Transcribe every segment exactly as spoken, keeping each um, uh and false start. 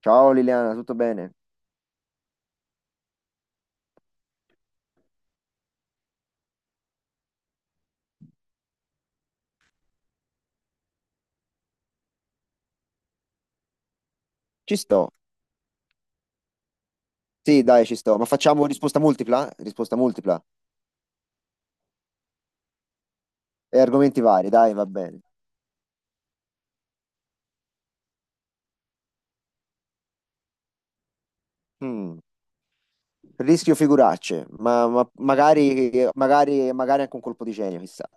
Ciao Liliana, tutto bene? Ci sto. Sì, dai, ci sto. Ma facciamo risposta multipla? Risposta multipla. E argomenti vari, dai, va bene. Mm. Rischio figuracce, ma, ma- magari, magari, magari anche un colpo di genio, chissà.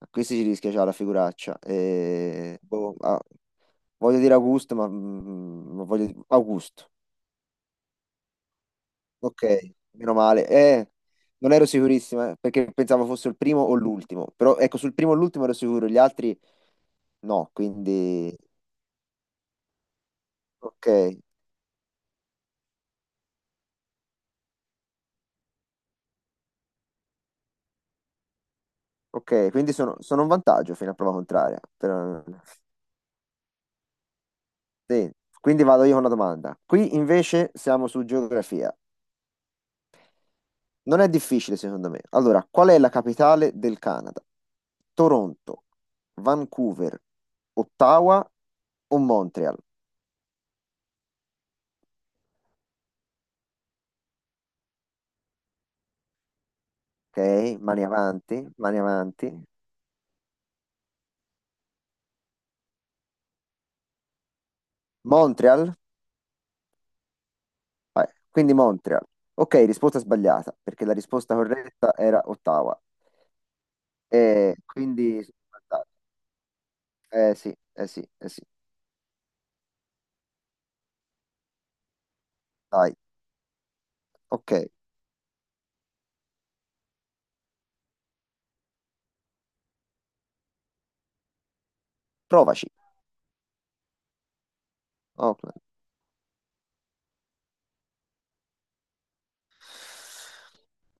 A questi ci rischia già la figuraccia. Eh, boh, ah, voglio dire Augusto, ma mm, ma voglio dire Augusto. Ok, meno male. Eh, non ero sicurissima eh, perché pensavo fosse il primo o l'ultimo. Però ecco, sul primo e l'ultimo ero sicuro, gli altri no, quindi... Ok, ok, quindi sono, sono un vantaggio fino a prova contraria. Per- sì. Quindi vado io con una domanda. Qui invece siamo su geografia. Non è difficile secondo me. Allora, qual è la capitale del Canada? Toronto, Vancouver, Ottawa o Montreal? Ok, mani avanti, mani avanti. Montreal? Vai, quindi Montreal. Ok, risposta sbagliata, perché la risposta corretta era Ottawa. E quindi... Eh sì, eh sì, eh sì. Dai, ok, provaci. Auckland.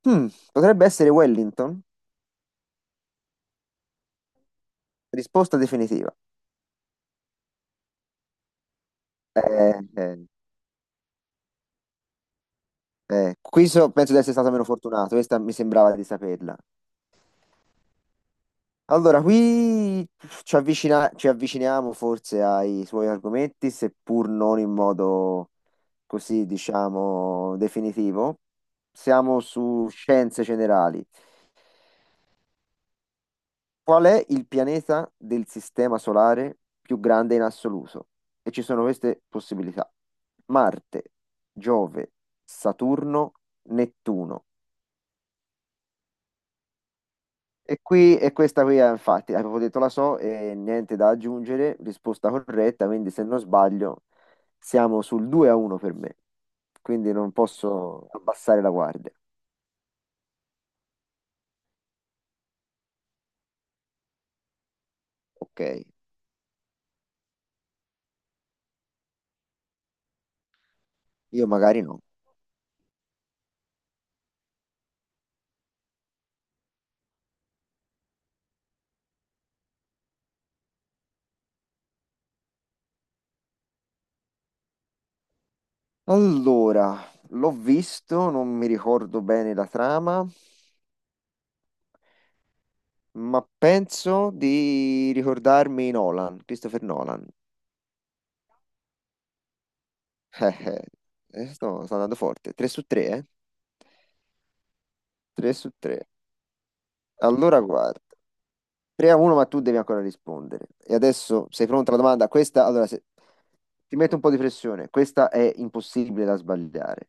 Hmm, potrebbe essere Wellington? Risposta definitiva. Eh, eh, eh. Qui so- penso di essere stato meno fortunato, questa mi sembrava di saperla. Allora, qui ci avvicina- ci avviciniamo forse ai suoi argomenti, seppur non in modo così, diciamo, definitivo. Siamo su scienze generali. Qual è il pianeta del sistema solare più grande in assoluto? E ci sono queste possibilità. Marte, Giove, Saturno, Nettuno. E qui, e questa qui è infatti, avevo detto la so e niente da aggiungere, risposta corretta, quindi se non sbaglio siamo sul due a uno per me, quindi non posso abbassare la guardia. Ok, io magari no. Allora, l'ho visto, non mi ricordo bene la trama. ma penso di ricordarmi Nolan, Christopher Nolan. Eh, eh, eh, sto, sto andando forte. tre su tre, eh? tre su tre. Allora, guarda. tre a uno, ma tu devi ancora rispondere. E adesso sei pronta alla domanda? Questa, allora, se... ti metto un po' di pressione. Questa è impossibile da sbagliare.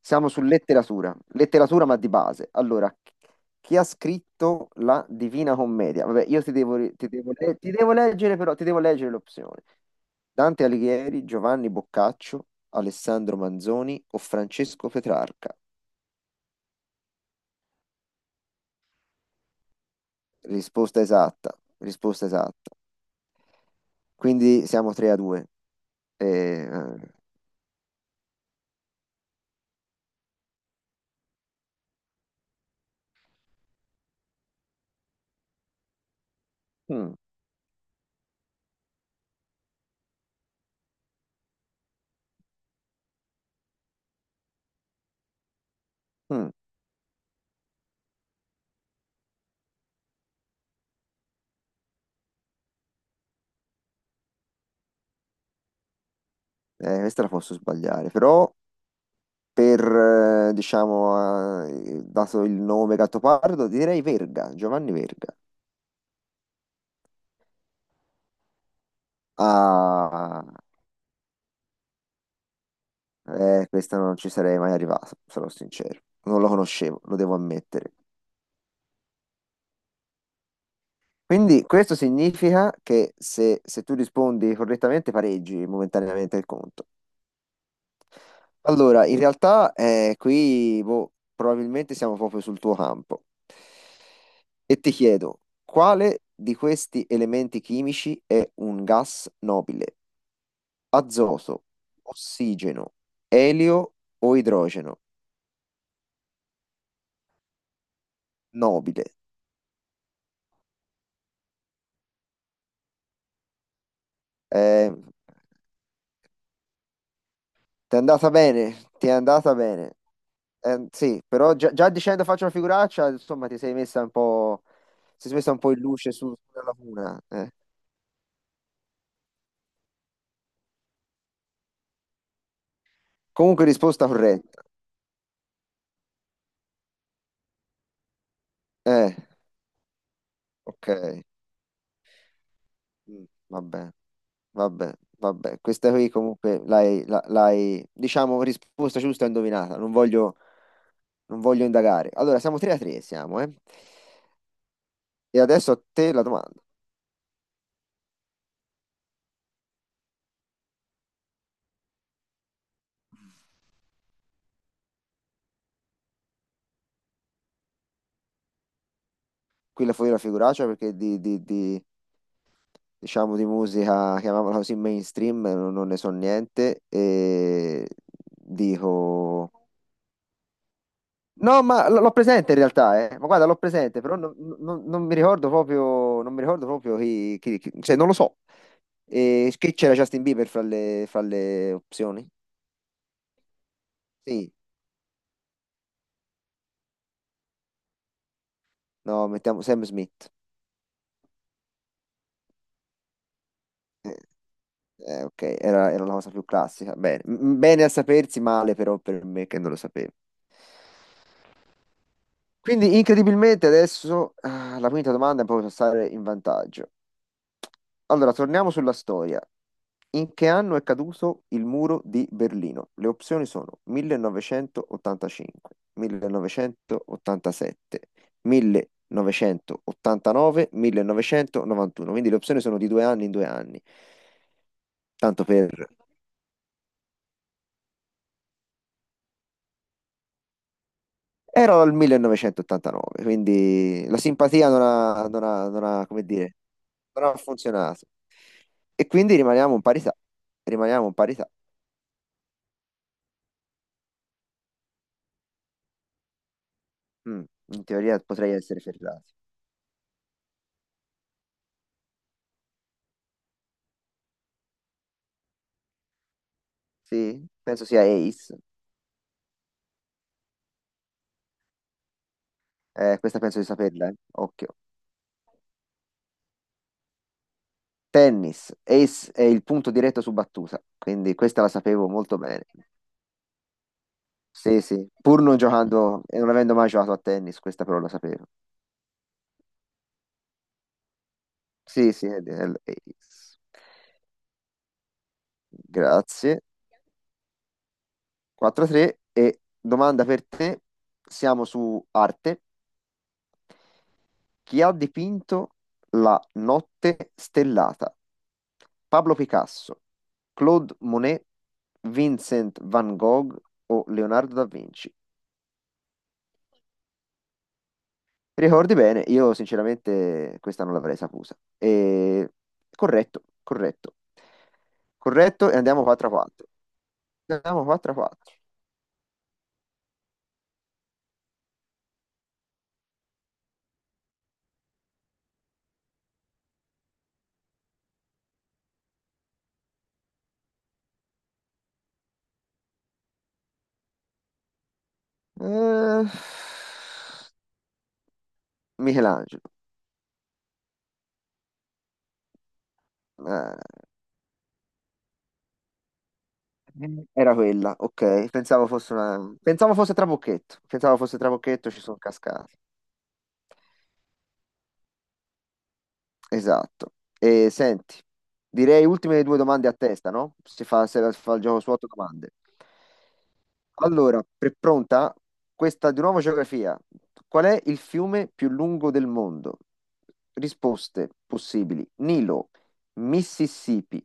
Siamo su letteratura. Letteratura, ma di base. Allora, chi ha scritto la Divina Commedia? Vabbè, io ti devo, ri- ti devo le- ti devo leggere, però, ti devo leggere l'opzione. Dante Alighieri, Giovanni Boccaccio, Alessandro Manzoni o Francesco Petrarca? Risposta esatta, risposta esatta. Quindi siamo tre a due. Eh, mm, mm, eh, questa la posso sbagliare, però per, eh, diciamo, eh, dato il nome Gattopardo, direi Verga, Giovanni Verga. Ah, eh, questa non ci sarei mai arrivato, sarò sincero. Non lo conoscevo, lo devo ammettere. Quindi questo significa che se, se tu rispondi correttamente pareggi momentaneamente il conto. Allora, in realtà eh, qui boh, probabilmente siamo proprio sul tuo campo. E ti chiedo, quale di questi elementi chimici è un gas nobile? Azoto, ossigeno, elio o idrogeno? Nobile. Eh, Ti è andata bene, ti è andata bene. Eh, sì, però già, già dicendo faccio una figuraccia, insomma, ti sei messa un po', ti sei messa un po' in luce su- sulla laguna. Eh. Comunque risposta corretta. Eh, ok. Mm, Vabbè, vabbè, vabbè. Questa qui comunque l'hai, la- l'hai, diciamo, risposta giusta e indovinata. Non voglio, non voglio indagare. Allora, siamo tre a tre, siamo, eh. E adesso a te la domanda. Qui la fuori la figuraccia perché di, di, di- diciamo di musica, chiamiamola così, mainstream, non, non ne so niente e dico... No, ma l- l'ho presente in realtà, eh. Ma guarda, l'ho presente, però non, non- non mi ricordo proprio, non mi ricordo proprio chi, chi- chi- cioè non lo so. E che c'era Justin Bieber fra le, fra le opzioni? Sì, no, mettiamo Sam Smith. Eh, eh, ok, era, era una cosa più classica. Bene, M- bene a sapersi, male però per me che non lo sapevo. Quindi incredibilmente adesso ah, la quinta domanda è proprio per stare in vantaggio. Allora, torniamo sulla storia. In che anno è caduto il muro di Berlino? Le opzioni sono millenovecentottantacinque, millenovecentottantasette, millenovecentottantanove, millenovecentonovantuno. Quindi le opzioni sono di due anni in due anni, tanto per Ero al millenovecentottantanove, quindi la simpatia non ha, non ha- non ha, come dire, non ha funzionato. E quindi rimaniamo in parità. Rimaniamo in parità. Mm, in teoria potrei essere ferrati. Sì, penso sia ace. Eh, questa penso di saperla, eh. Occhio. Tennis. Ace è il punto diretto su battuta, quindi questa la sapevo molto bene. Sì, sì, pur non giocando e non avendo mai giocato a tennis, questa però la sapevo. Sì, sì, è del ace. Grazie. quattro a tre e domanda per te, siamo su arte. Chi ha dipinto la notte stellata? Pablo Picasso, Claude Monet, Vincent van Gogh o Leonardo da Vinci? Ricordi bene, io sinceramente questa non l'avrei saputa. E... Corretto, corretto, corretto e andiamo quattro a quattro. Andiamo quattro a quattro. Eh, Michelangelo. Eh, Era quella, ok. Pensavo fosse una... Pensavo fosse Trabocchetto. Pensavo fosse Trabocchetto, ci sono cascato. Esatto. E senti, direi ultime due domande a testa, no? Si fa, se- si fa il gioco su otto domande. Allora, pre- pronta? Questa di nuovo geografia. Qual è il fiume più lungo del mondo? Risposte possibili. Nilo, Mississippi,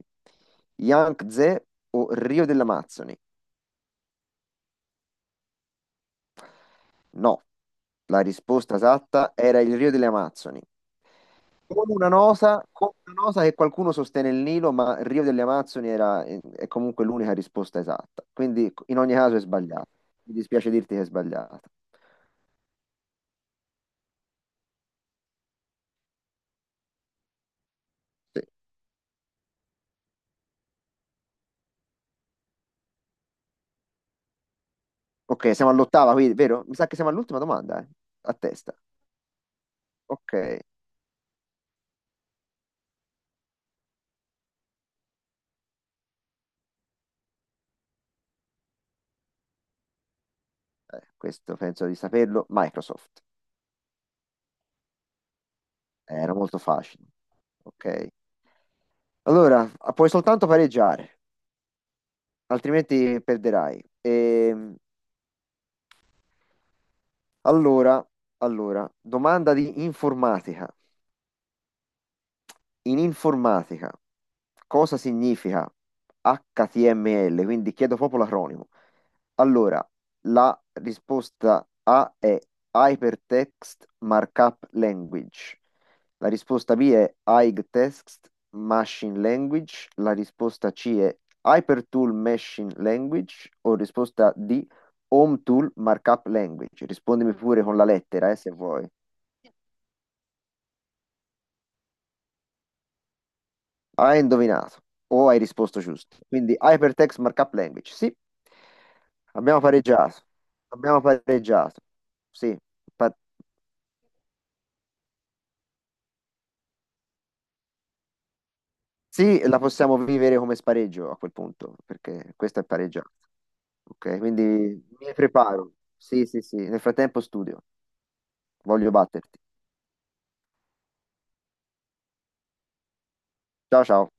Yangtze o Rio dell'Amazzoni? No, la risposta esatta era il Rio delle Amazzoni. Con una nota, con una nota che qualcuno sostiene il Nilo, ma il Rio delle Amazzoni era, eh, è comunque l'unica risposta esatta. Quindi in ogni caso è sbagliata. Mi dispiace dirti che è sbagliata. Sì. Ok, siamo all'ottava, quindi, vero? Mi sa che siamo all'ultima domanda, eh? A testa. Ok, eh, questo penso di saperlo. Microsoft. Eh, era molto facile. Ok. Allora, puoi soltanto pareggiare, altrimenti perderai. Ehm, Allora, allora, domanda di informatica. In informatica, cosa significa H T M L? Quindi chiedo proprio l'acronimo. Allora, la risposta A è Hypertext Markup Language. La risposta B è Text Machine Language. La risposta C è Hypertool Machine Language. O risposta D, Home Tool Markup Language. Rispondimi pure con la lettera, eh, se vuoi. Hai indovinato o hai risposto giusto. Quindi Hypertext Markup Language. Sì, abbiamo pareggiato. Abbiamo pareggiato. Sì, pa- sì, la possiamo vivere come spareggio a quel punto, perché questa è pareggiata. Ok, quindi mi preparo. Sì, sì, sì. Nel frattempo studio. Voglio batterti. Ciao, ciao.